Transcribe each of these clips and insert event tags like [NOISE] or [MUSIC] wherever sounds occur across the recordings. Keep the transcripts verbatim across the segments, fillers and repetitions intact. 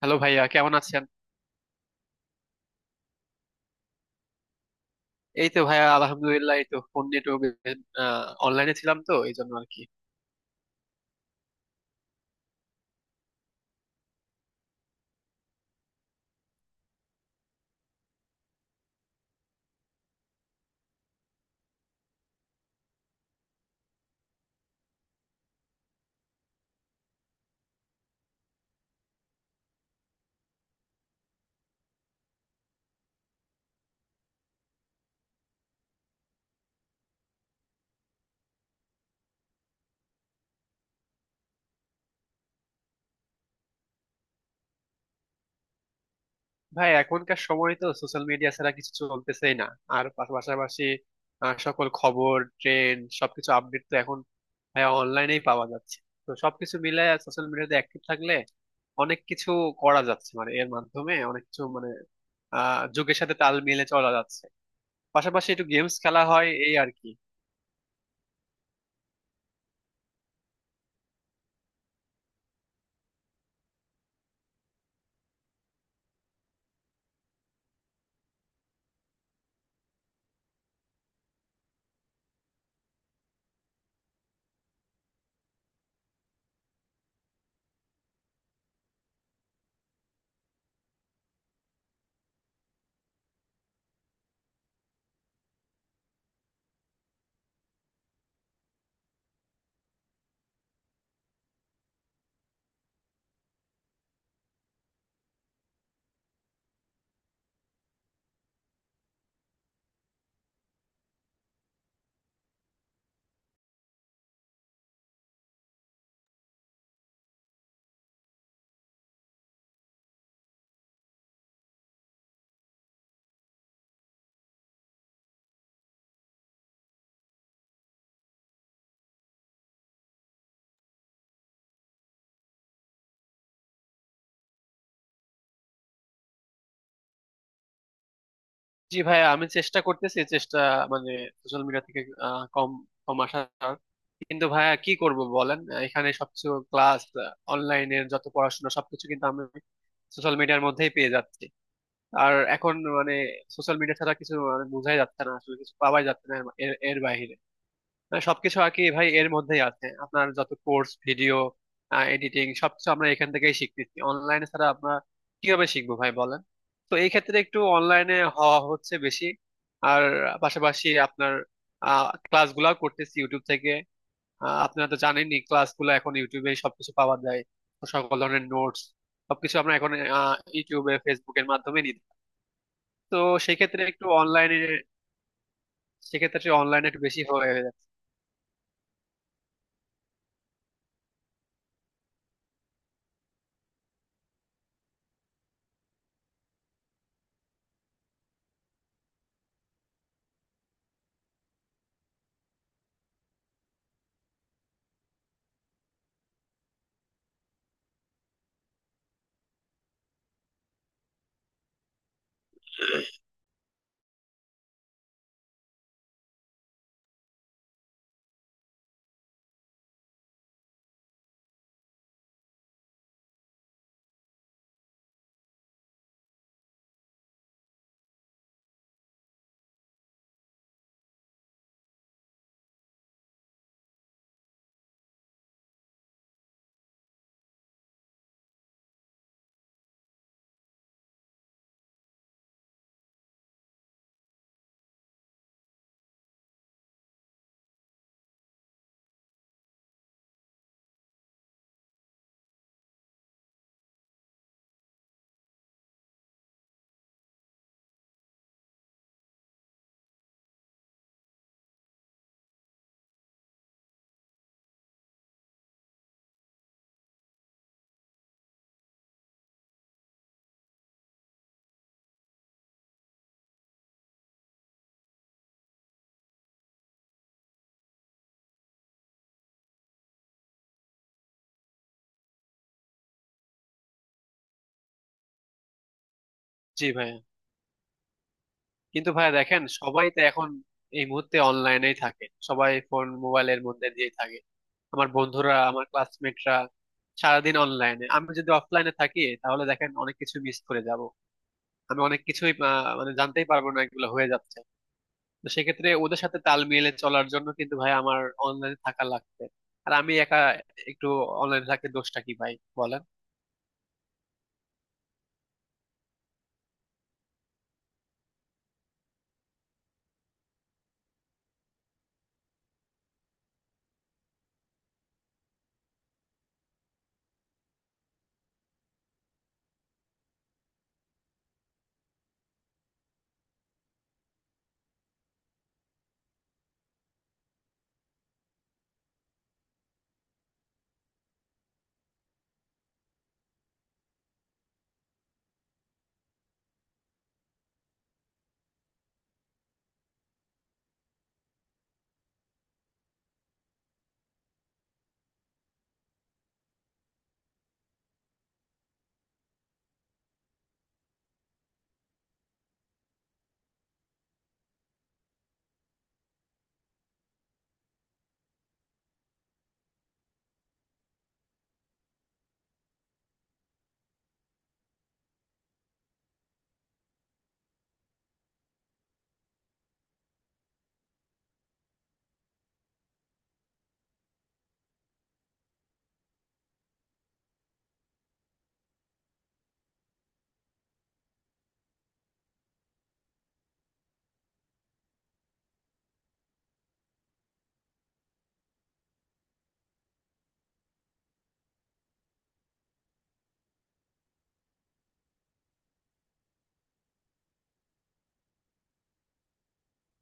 Hello ভাইয়া, কেমন আছেন? এই তো ভাইয়া আলহামদুলিল্লাহ, এই তো ফোন নেটওয়ার্ক, অনলাইনে ছিলাম তো এই জন্য আর কি। ভাই এখনকার সময় তো সোশ্যাল মিডিয়া ছাড়া কিছু চলতেছেই না। আর পাশ- পাশাপাশি আহ, সকল খবর, ট্রেন্ড, সবকিছু আপডেট তো এখন ভাইয়া অনলাইনেই পাওয়া যাচ্ছে। তো সবকিছু মিলে সোশ্যাল মিডিয়াতে অ্যাক্টিভ থাকলে অনেক কিছু করা যাচ্ছে, মানে এর মাধ্যমে অনেক কিছু, মানে আহ যুগের সাথে তাল মিলে চলা যাচ্ছে। পাশাপাশি একটু গেমস খেলা হয়, এই আর কি। জি ভাই, আমি চেষ্টা করতেছি, চেষ্টা মানে সোশ্যাল মিডিয়া থেকে আহ, কম কম আসার। কিন্তু ভাইয়া কি করব বলেন, এখানে সবকিছু ক্লাস, অনলাইনের যত পড়াশোনা সবকিছু কিন্তু আমি সোশ্যাল মিডিয়ার মধ্যেই পেয়ে যাচ্ছি। আর এখন মানে সোশ্যাল মিডিয়া ছাড়া কিছু মানে বোঝাই যাচ্ছে না, আসলে কিছু পাওয়াই যাচ্ছে না এর এর বাইরে। মানে সবকিছু আর কি ভাই এর মধ্যেই আছে, আপনার যত কোর্স, ভিডিও এডিটিং, সবকিছু আমরা এখান থেকেই শিখতেছি। অনলাইনে ছাড়া আমরা কিভাবে শিখবো ভাই বলেন? তো এই ক্ষেত্রে একটু অনলাইনে হওয়া হচ্ছে বেশি। আর পাশাপাশি আপনার ক্লাসগুলাও করতেছি ইউটিউব থেকে। আহ, আপনারা তো জানেনই ক্লাসগুলো এখন ইউটিউবে সবকিছু পাওয়া যায়। তো সকল ধরনের নোটস সবকিছু আমরা এখন আহ, ইউটিউবে, ফেসবুকের মাধ্যমে নিই। তো সেক্ষেত্রে একটু অনলাইনে, সেক্ষেত্রে অনলাইনে একটু বেশি হয়ে যাচ্ছে। জি ভাই। কিন্তু ভাইয়া দেখেন, সবাই তো এখন এই মুহূর্তে অনলাইনেই থাকে, সবাই ফোন মোবাইলের মধ্যে দিয়ে থাকে। আমার বন্ধুরা, আমার ক্লাসমেটরা সারাদিন অনলাইনে। আমি যদি অফলাইনে থাকি তাহলে দেখেন অনেক কিছু মিস করে যাব, আমি অনেক কিছুই আহ, মানে জানতেই পারবো না, এগুলো হয়ে যাচ্ছে। তো সেক্ষেত্রে ওদের সাথে তাল মিলিয়ে চলার জন্য কিন্তু ভাই আমার অনলাইনে থাকা লাগবে। আর আমি একা একটু অনলাইনে থাকতে দোষটা কি ভাই বলেন?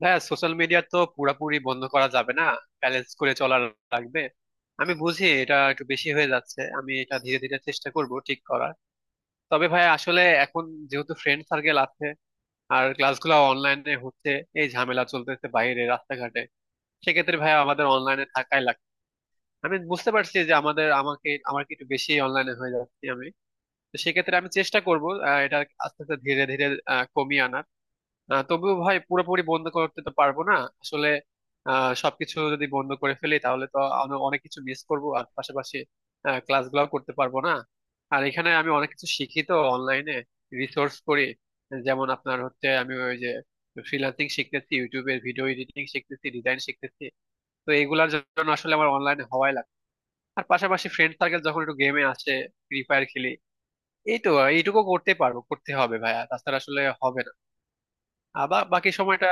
হ্যাঁ, সোশ্যাল মিডিয়া তো পুরাপুরি বন্ধ করা যাবে না, ব্যালেন্স করে চলার লাগবে। আমি বুঝি এটা একটু বেশি হয়ে যাচ্ছে, আমি এটা ধীরে ধীরে চেষ্টা করব ঠিক করার। তবে ভাই আসলে এখন যেহেতু ফ্রেন্ড সার্কেল আছে, আর ক্লাসগুলো অনলাইনে হচ্ছে, এই ঝামেলা চলতেছে বাইরে রাস্তাঘাটে, সেক্ষেত্রে ভাই আমাদের অনলাইনে থাকাই লাগবে। আমি বুঝতে পারছি যে আমাদের, আমাকে, আমার কি একটু বেশি অনলাইনে হয়ে যাচ্ছে আমি। তো সেক্ষেত্রে আমি চেষ্টা করবো আহ, এটা আস্তে আস্তে, ধীরে ধীরে আহ, কমিয়ে আনার। আহ, তবুও ভাই পুরোপুরি বন্ধ করতে তো পারবো না আসলে। আহ সবকিছু যদি বন্ধ করে ফেলি তাহলে তো আমি অনেক কিছু মিস করবো, আর পাশাপাশি ক্লাসগুলোও করতে পারবো না। আর এখানে আমি অনেক কিছু শিখি তো অনলাইনে, রিসোর্স করি, যেমন আপনার হচ্ছে আমি ওই যে ফ্রিল্যান্সিং শিখতেছি, ইউটিউবে ভিডিও এডিটিং শিখতেছি, ডিজাইন শিখতেছি। তো এগুলার জন্য আসলে আমার অনলাইনে হওয়াই লাগে। আর পাশাপাশি ফ্রেন্ড সার্কেল যখন একটু গেমে আসে, ফ্রি ফায়ার খেলি, এই তো এইটুকু করতে পারবো, করতে হবে ভাইয়া, তাছাড়া আসলে হবে না। আবার বাকি সময়টা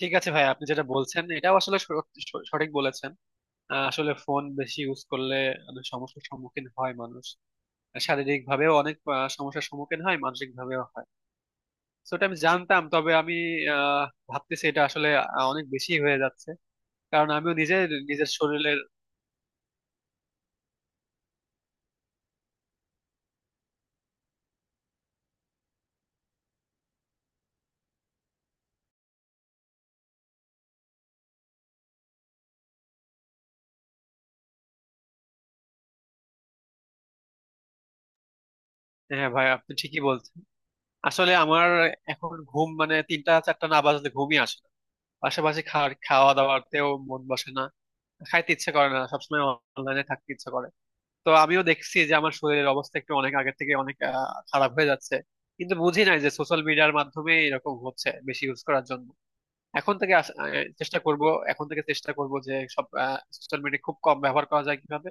ঠিক আছে ভাই, আপনি যেটা বলছেন এটাও আসলে সর- স- সঠিক বলেছেন। আহ, আসলে ফোন বেশি ইউজ করলে অনেক সমস্যার সম্মুখীন হয় মানুষ, শারীরিক ভাবেও অনেক আহ, সমস্যার সম্মুখীন হয়, মানসিক ভাবেও হয়। তো এটা আমি জানতাম, তবে আমি আহ, ভাবতেছি এটা আসলে আহ, অনেক বেশি হয়ে যাচ্ছে। কারণ আমিও নিজে নিজের শরীরের। হ্যাঁ ভাই, আপনি ঠিকই বলছেন। আসলে আমার এখন ঘুম মানে তিনটা চারটা না বাজলে ঘুমই আসে না। পাশাপাশি খাওয়ার খাওয়া দাওয়াতেও মন বসে না, খাইতে ইচ্ছে করে না সবসময়, অনলাইনে থাকতে ইচ্ছে করে। তো আমিও দেখছি যে আমার শরীরের অবস্থা একটু অনেক আগের থেকে অনেক আহ, খারাপ হয়ে যাচ্ছে। কিন্তু বুঝি নাই যে সোশ্যাল মিডিয়ার মাধ্যমে এরকম হচ্ছে, বেশি ইউজ করার জন্য। এখন থেকে আস- আহ, চেষ্টা করব, এখন থেকে চেষ্টা করব যে সব সোশ্যাল মিডিয়া খুব কম ব্যবহার করা যায় কিভাবে।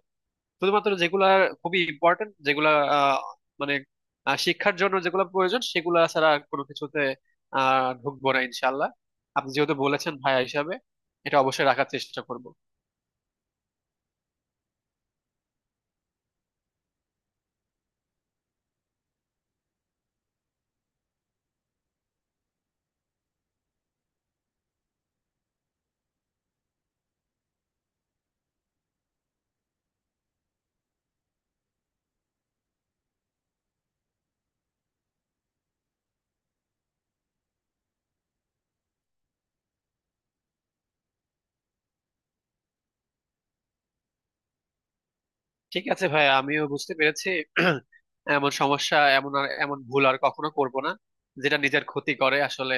শুধুমাত্র যেগুলা খুবই ইম্পর্টেন্ট, যেগুলা আহ, মানে আহ, শিক্ষার জন্য যেগুলো প্রয়োজন, সেগুলা ছাড়া আর কোনো কিছুতে আহ ঢুকবো না ইনশাল্লাহ। আপনি যেহেতু বলেছেন ভাইয়া হিসাবে, এটা অবশ্যই রাখার চেষ্টা করব। ঠিক আছে ভাই, আমিও বুঝতে পেরেছি। [CLEARS THROAT] এমন সমস্যা, এমন আর এমন ভুল আর কখনো করব না, যেটা নিজের ক্ষতি করে আসলে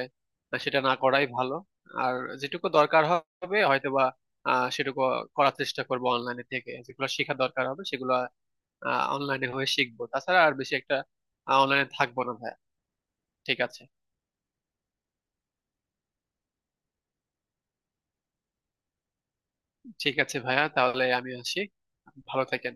সেটা না করাই ভালো। আর যেটুকু দরকার হবে হয়তোবা আহ সেটুকু করার চেষ্টা করব, অনলাইনে থেকে যেগুলো শেখা দরকার হবে সেগুলো অনলাইনে হয়ে শিখবো, তাছাড়া আর বেশি একটা অনলাইনে থাকবো না ভাইয়া। ঠিক আছে। ঠিক আছে ভাইয়া, তাহলে আমি আসি, ভালো থাকেন।